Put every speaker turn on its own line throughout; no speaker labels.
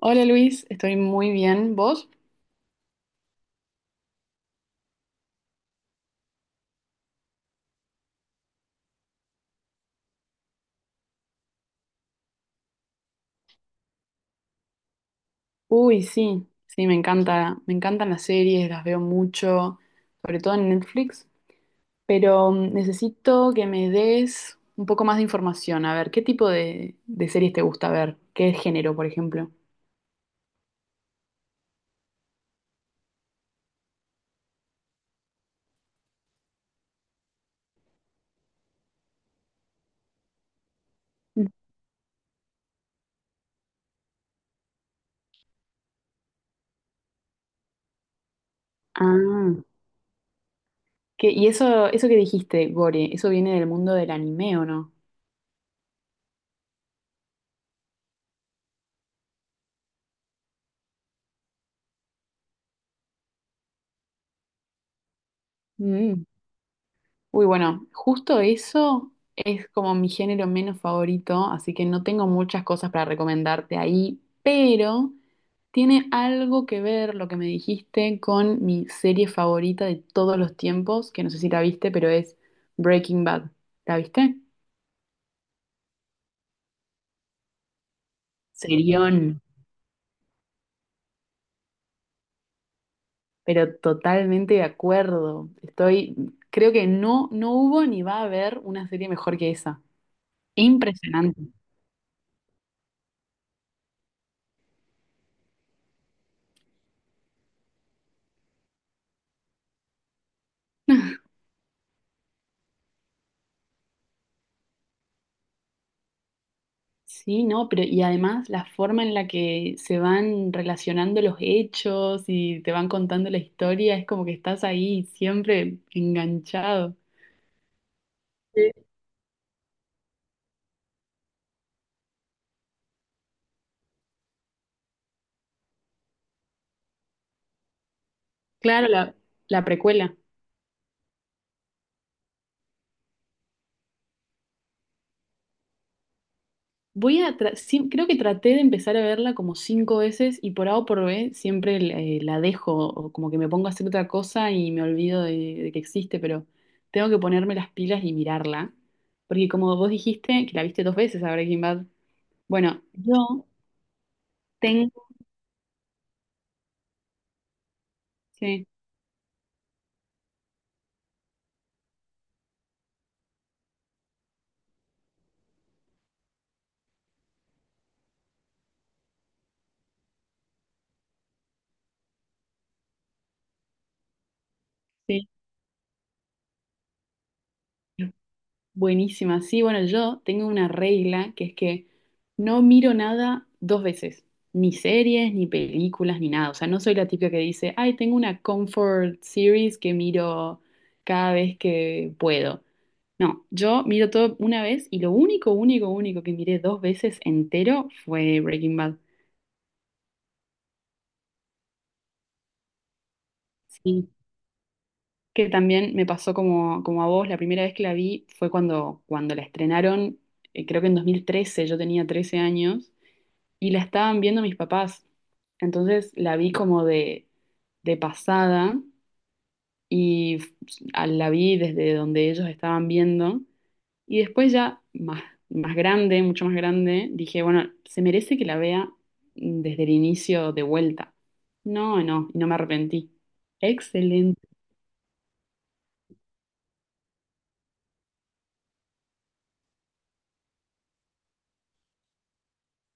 Hola Luis, estoy muy bien. ¿Vos? Uy, sí, sí, me encantan las series, las veo mucho, sobre todo en Netflix, pero necesito que me des un poco más de información. A ver, ¿qué tipo de series te gusta ver? ¿Qué género, por ejemplo? Mm. Ah, y eso que dijiste, Gore, ¿eso viene del mundo del anime, o no? Mm. Uy, bueno, justo eso es como mi género menos favorito, así que no tengo muchas cosas para recomendarte ahí, pero tiene algo que ver lo que me dijiste con mi serie favorita de todos los tiempos, que no sé si la viste, pero es Breaking Bad. ¿La viste? Serión. Pero totalmente de acuerdo. Creo que no, no hubo ni va a haber una serie mejor que esa. Impresionante. Sí, no, pero y además la forma en la que se van relacionando los hechos y te van contando la historia, es como que estás ahí siempre enganchado. Sí. Claro, la precuela. Sí, creo que traté de empezar a verla como cinco veces, y por A o por B siempre la dejo, o como que me pongo a hacer otra cosa y me olvido de que existe, pero tengo que ponerme las pilas y mirarla. Porque como vos dijiste, que la viste dos veces a Breaking Bad, bueno, tengo, sí, sí. Buenísima. Sí, bueno, yo tengo una regla que es que no miro nada dos veces, ni series, ni películas, ni nada. O sea, no soy la típica que dice, ay, tengo una comfort series que miro cada vez que puedo. No, yo miro todo una vez y lo único, único, único que miré dos veces entero fue Breaking Bad. Sí, que también me pasó como, como a vos, la primera vez que la vi fue cuando, la estrenaron, creo que en 2013 yo tenía 13 años. Y la estaban viendo mis papás. Entonces la vi como de pasada y f- la vi desde donde ellos estaban viendo. Y después ya más, más grande, mucho más grande, dije, bueno, se merece que la vea desde el inicio de vuelta. No, no, y no me arrepentí. Excelente.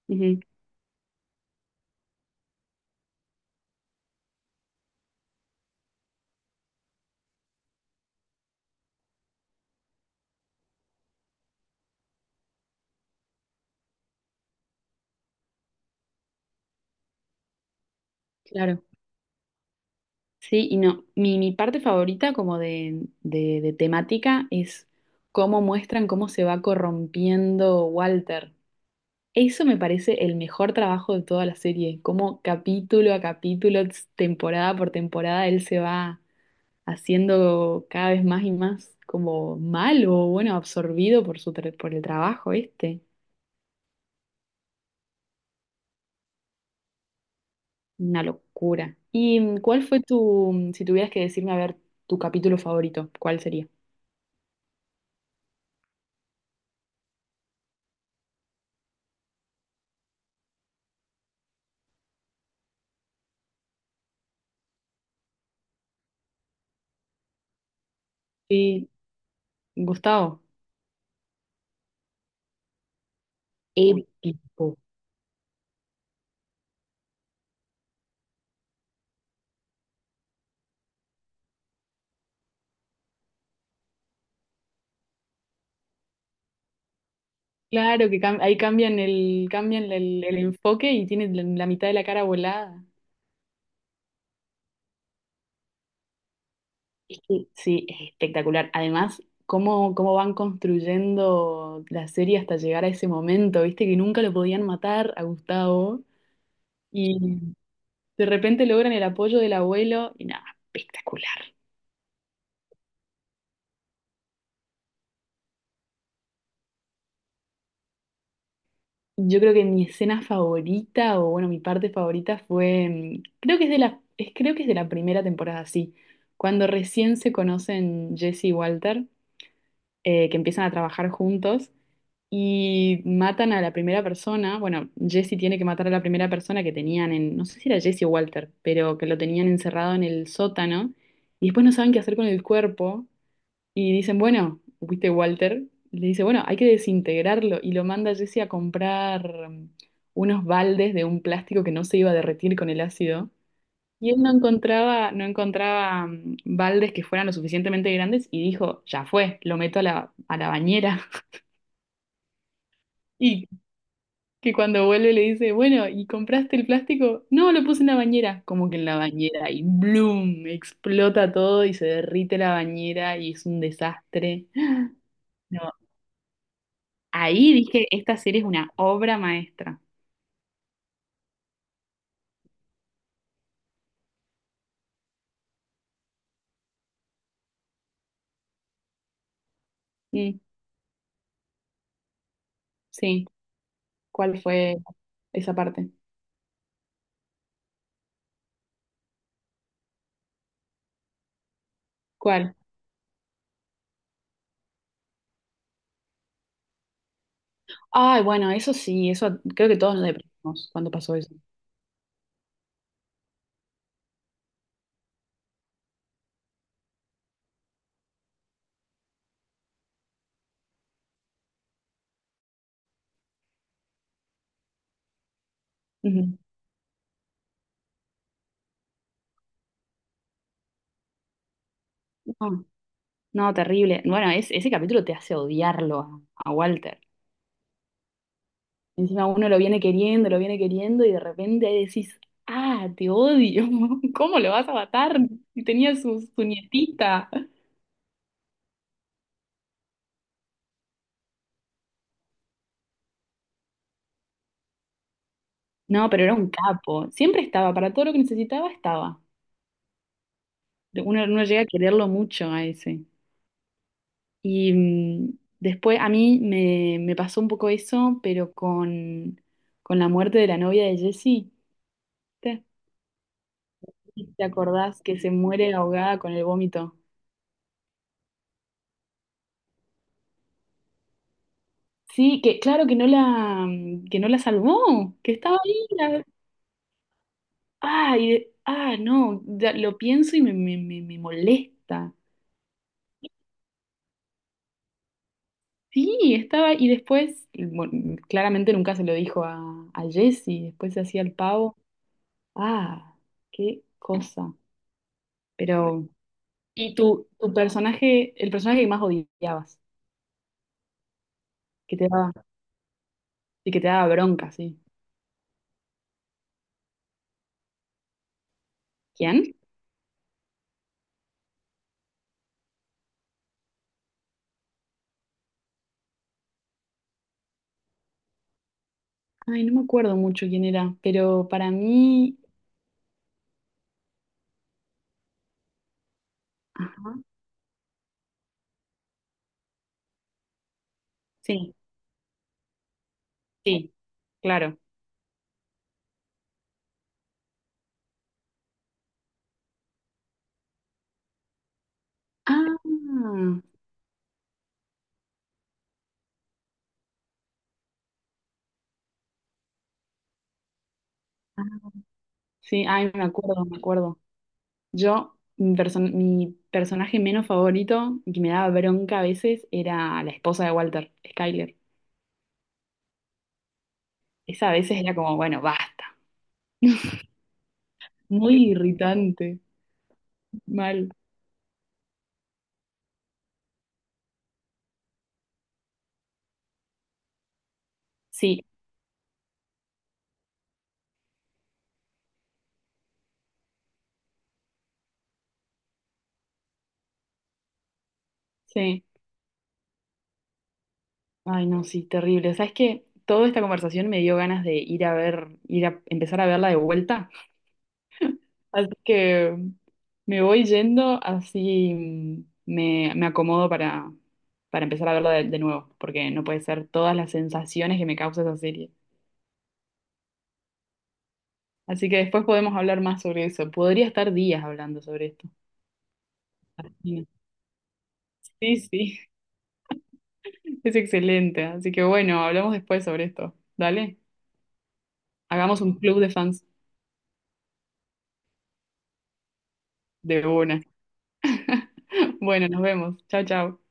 Ujú, claro. Sí, y no, mi parte favorita como de, de temática es cómo muestran cómo se va corrompiendo Walter. Eso me parece el mejor trabajo de toda la serie, como capítulo a capítulo, temporada por temporada, él se va haciendo cada vez más y más como malo, bueno, absorbido por su por el trabajo este. Una locura. ¿Y cuál fue tu, si tuvieras que decirme, a ver, tu capítulo favorito, cuál sería? Sí, Gustavo. Uy, épico. Claro que ahí cambian el enfoque y tienen la mitad de la cara volada. Es que sí, es espectacular. Además, cómo van construyendo la serie hasta llegar a ese momento, viste que nunca lo podían matar a Gustavo y de repente logran el apoyo del abuelo y nada, espectacular. Yo creo que mi escena favorita, o bueno, mi parte favorita fue, creo que es de la, creo que es de la primera temporada, sí, cuando recién se conocen Jesse y Walter, que empiezan a trabajar juntos, y matan a la primera persona. Bueno, Jesse tiene que matar a la primera persona que tenían en, no sé si era Jesse o Walter, pero que lo tenían encerrado en el sótano. Y después no saben qué hacer con el cuerpo. Y dicen, bueno, ¿viste Walter? Le dice, bueno, hay que desintegrarlo. Y lo manda Jesse a comprar unos baldes de un plástico que no se iba a derretir con el ácido. Y él no encontraba, no encontraba baldes que fueran lo suficientemente grandes y dijo, ya fue, lo meto a la bañera. Y que cuando vuelve le dice, bueno, ¿y compraste el plástico? No, lo puse en la bañera. Como que en la bañera y ¡bloom! Explota todo y se derrite la bañera y es un desastre. No, ahí dije, esta serie es una obra maestra. Mm, sí, ¿cuál fue esa parte? ¿Cuál? Ay, bueno, eso sí, eso creo que todos nos deprimimos cuando pasó eso. Ujú. No, no, terrible. Bueno, ese capítulo te hace odiarlo a Walter. Encima uno lo viene queriendo y de repente ahí decís, ah, te odio, ¿cómo lo vas a matar? Y tenía su, su nietita. No, pero era un capo. Siempre estaba, para todo lo que necesitaba estaba. Uno, uno llega a quererlo mucho a ese. Y después a mí me, me pasó un poco eso, pero con la muerte de la novia de Jesse. ¿Te te acordás que se muere ahogada con el vómito? Sí, que claro que no la salvó, que estaba ahí, la. Ay, ah, no, ya lo pienso y me, me molesta. Sí, estaba, y después, bueno, claramente nunca se lo dijo a Jessy, después se hacía el pavo. Ah, qué cosa. Pero, y tu personaje, el personaje que más odiabas, que te daba, y que te daba bronca, sí. ¿Quién? Ay, no me acuerdo mucho quién era, pero para mí, ajá, sí, sí, claro. Ah, ah, sí, ay, me acuerdo, me acuerdo. Yo, mi, mi personaje menos favorito, y que me daba bronca a veces, era la esposa de Walter, Skyler. Esa a veces era como, bueno, basta. Muy irritante, mal. Sí, sí. Ay, no, sí, terrible. ¿Sabes qué? Toda esta conversación me dio ganas de ir a ver, ir a empezar a verla de vuelta. Así que me voy yendo, así me, acomodo para empezar a verla de nuevo, porque no puede ser todas las sensaciones que me causa esa serie. Así que después podemos hablar más sobre eso. Podría estar días hablando sobre esto. Sí, sí, es excelente. Así que bueno, hablamos después sobre esto. Dale, hagamos un club de fans de una. Bueno, nos vemos. Chao, chao.